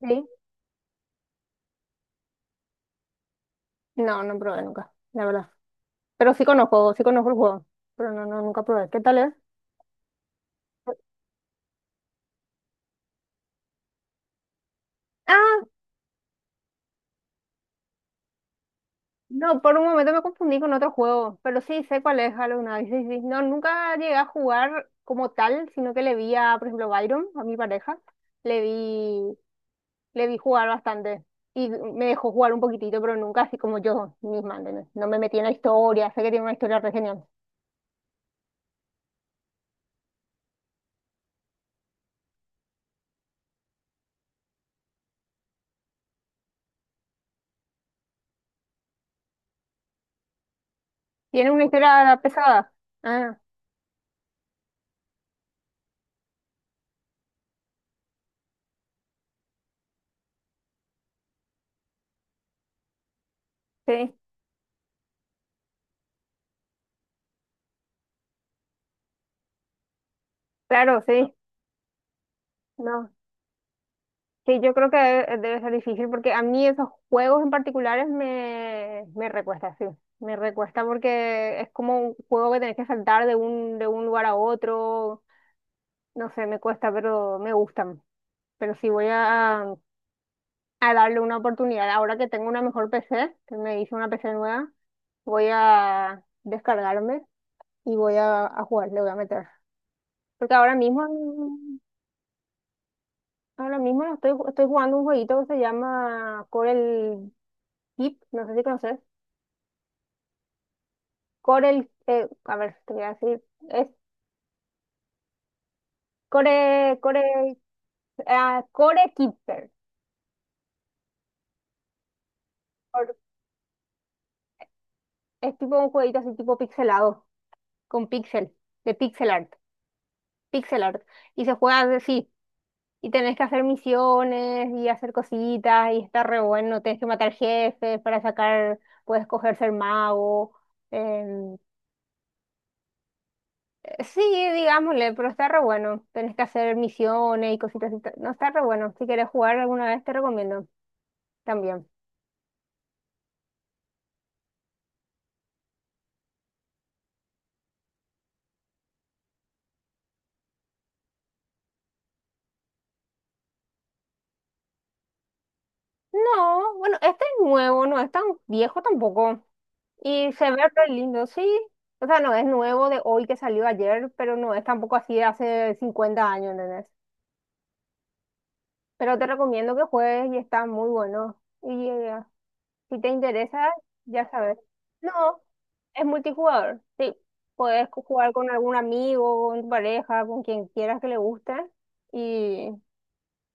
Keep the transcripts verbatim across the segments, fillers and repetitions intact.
Sí. No, no probé nunca, la verdad. Pero sí conozco, sí conozco el juego. Pero no, no, nunca probé. ¿Qué tal es? Ah, no, por un momento me confundí con otro juego. Pero sí, sé cuál es Hollow Knight. Sí, sí. No, nunca llegué a jugar como tal, sino que le vi a, por ejemplo, Byron, a mi pareja. Le vi, le vi jugar bastante. Y me dejó jugar un poquitito, pero nunca así como yo misma, ¿entendés? No me metí en la historia. Sé que tiene una historia re genial. Tiene una historia pesada. Ah, sí, claro, sí. No. Sí, yo creo que debe, debe ser difícil porque a mí esos juegos en particulares me, me recuesta, sí. Me recuesta porque es como un juego que tenés que saltar de un, de un lugar a otro. No sé, me cuesta, pero me gustan. Pero sí voy a, a darle una oportunidad. Ahora que tengo una mejor P C, que me hice una P C nueva, voy a descargarme y voy a, a jugar, le voy a meter. Porque ahora mismo, mm, ahora mismo estoy, estoy jugando un jueguito que se llama Corel Keep, no sé si conoces. Corel, eh, a ver, te voy a decir, es Core, Core, ah, Core Keeper. Cor- Es tipo un jueguito así tipo pixelado, con pixel, de pixel art, pixel art. Y se juega así, y tenés que hacer misiones y hacer cositas, y está re bueno, tenés que matar jefes para sacar, puedes coger ser mago. em, sí, digámosle, pero está re bueno. Tenés que hacer misiones y cositas. y ta- No está re bueno. Si quieres jugar alguna vez, te recomiendo también. No, bueno, este es nuevo, no es tan viejo tampoco. Y se ve re lindo, sí. O sea, no es nuevo de hoy que salió ayer, pero no es tampoco así de hace cincuenta años, ¿entendés? Pero te recomiendo que juegues y está muy bueno. Y eh, si te interesa, ya sabes. No, es multijugador, sí. Puedes co- jugar con algún amigo, con tu pareja, con quien quieras que le guste y,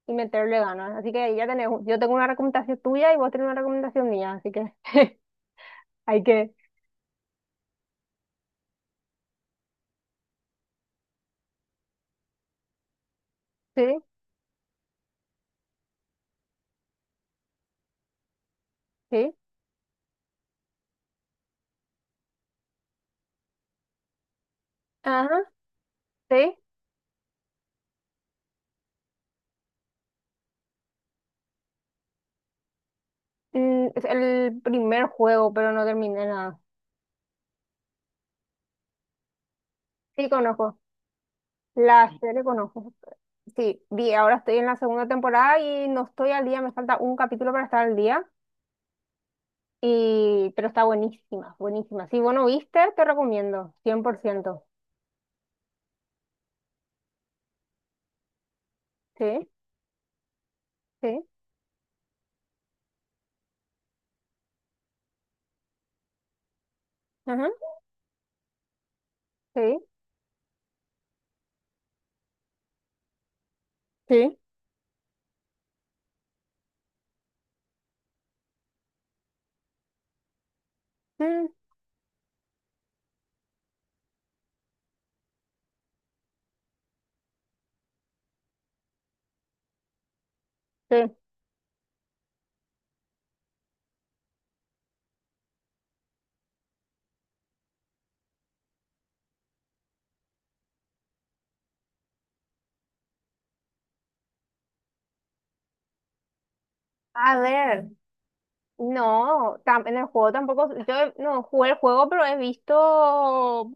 y meterle ganas. Así que ya tenés, un- yo tengo una recomendación tuya y vos tenés una recomendación mía, así que... Hay que, sí, sí. Ajá, sí. Mm, es el primer juego, pero no terminé nada. Sí, conozco. La serie conozco. Sí, vi, ahora estoy en la segunda temporada y no estoy al día, me falta un capítulo para estar al día. Y, pero está buenísima, buenísima. Si vos no viste, te recomiendo, cien por ciento. Sí, sí, ajá, sí, sí. Mm, sí. A ver, no, tam- en el juego tampoco, yo no jugué el juego, pero he visto,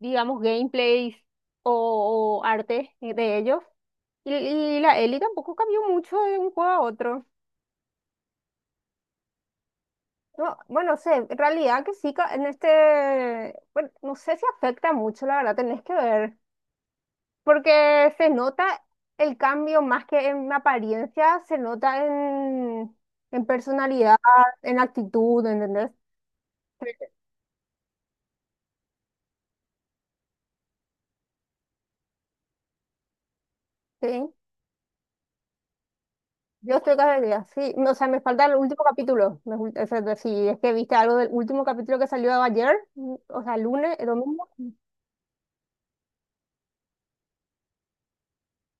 digamos, gameplays o, o arte de ellos. Y, y la Ellie tampoco cambió mucho de un juego a otro. No, bueno, no sé, en realidad que sí, ca- en este, bueno, no sé si afecta mucho, la verdad, tenés que ver, porque se nota el cambio más que en apariencia, se nota en, en personalidad, en actitud, ¿entendés? Sí. Sí. Yo estoy casi al día, sí. No, o sea, me falta el último capítulo. Me fal- o sea, si es que viste algo del último capítulo que salió ayer, mm, o sea, lunes, eh, domingo.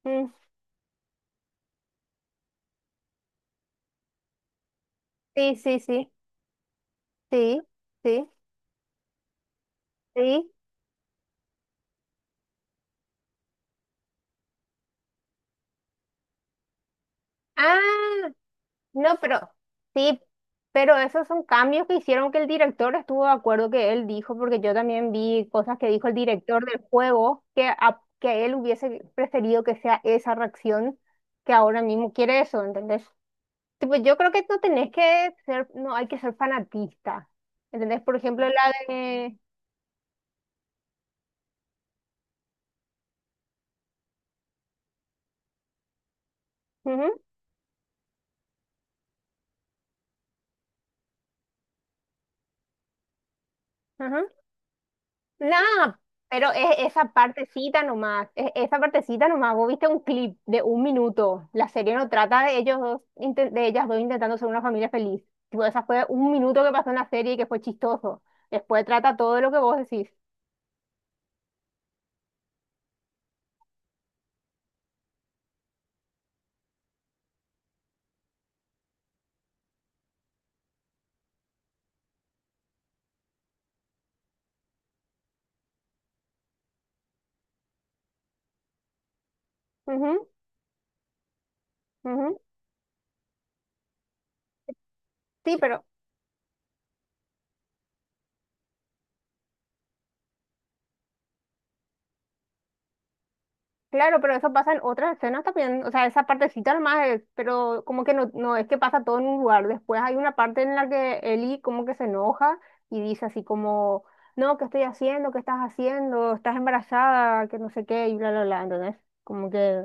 Mm, sí, sí, sí, sí, sí, sí. Ah, no, pero sí, pero esos son cambios que hicieron que el director estuvo de acuerdo que él dijo, porque yo también vi cosas que dijo el director del juego, que, a- que él hubiese preferido que sea esa reacción que ahora mismo quiere eso, ¿entendés? Tipo, yo creo que no tenés que ser, no hay que ser fanatista. ¿Entendés? Por ejemplo, la de... Ujú, ajá. Nah, pero es esa partecita nomás, es esa partecita nomás. Vos viste un clip de un minuto. La serie no trata de ellos dos, inte- de ellas dos intentando ser una familia feliz. Tipo, esa fue un minuto que pasó en la serie y que fue chistoso. Después trata todo lo que vos decís. Ujú, ujú. Sí, pero... Claro, pero eso pasa en otras escenas también, o sea, esa partecita nomás es, pero como que no, no es que pasa todo en un lugar. Después hay una parte en la que Eli como que se enoja y dice así como, no, ¿qué estoy haciendo? ¿Qué estás haciendo? ¿Estás embarazada? Que no sé qué, y bla, bla, bla. Entonces, como que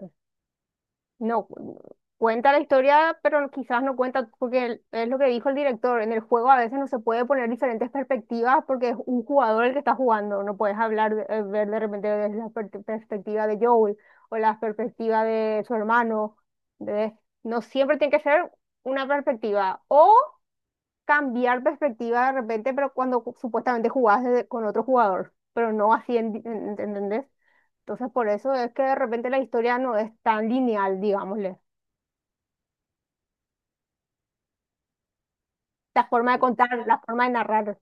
no, cu- cuenta la historia, pero quizás no cuenta, porque el- es lo que dijo el director, en el juego a veces no se puede poner diferentes perspectivas porque es un jugador el que está jugando, no puedes hablar, de- eh, ver de repente desde la per- perspectiva de Joel o la perspectiva de su hermano, de- no siempre tiene que ser una perspectiva o cambiar perspectiva de repente, pero cuando ju- supuestamente jugás desde- con otro jugador, pero no así, en- en- ¿entendés? Entonces por eso es que de repente la historia no es tan lineal, digámosle. La forma de contar, la forma de narrar.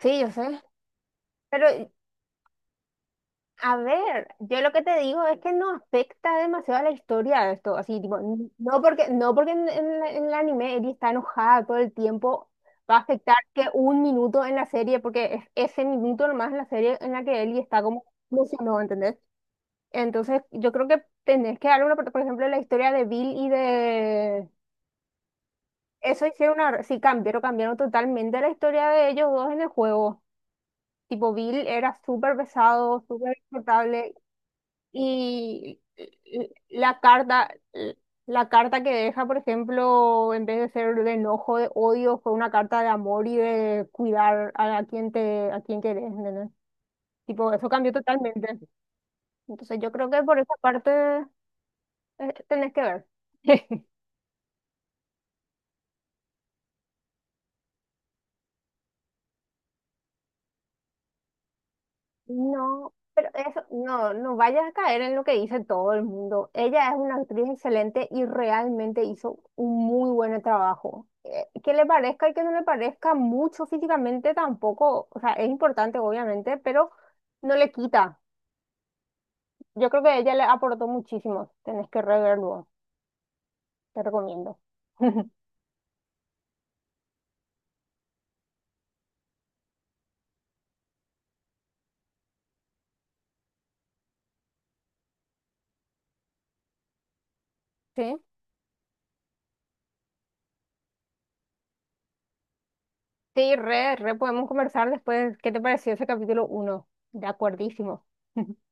Sí, yo sé. Pero, a ver, yo lo que te digo es que no afecta demasiado a la historia esto, así, tipo, n- no porque, no porque en, en la- en el anime Eri está enojada todo el tiempo, va a afectar que un minuto en la serie, porque es ese minuto nomás en la serie en la que Eri está como emocionado, ¿entendés? Entonces, yo creo que tenés que darle una, por por ejemplo, la historia de Bill y de... Eso hicieron una... Sí, cambiaron, cambiaron totalmente la historia de ellos dos en el juego. Tipo, Bill era súper pesado, súper insoportable. Y la carta, la carta que deja, por ejemplo, en vez de ser de enojo, de odio, fue una carta de amor y de cuidar a, a quien te, a quien querés, ¿entendés? Tipo, eso cambió totalmente. Entonces yo creo que por esa parte eh, tenés que ver. No, pero eso, no, no vayas a caer en lo que dice todo el mundo. Ella es una actriz excelente y realmente hizo un muy buen trabajo. Eh, que le parezca y que no le parezca mucho físicamente tampoco, o sea, es importante obviamente, pero no le quita. Yo creo que ella le aportó muchísimo. Tenés que reverlo, te recomiendo. Sí, sí, re, re, podemos conversar después. ¿Qué te pareció ese capítulo uno? De acuerdísimo.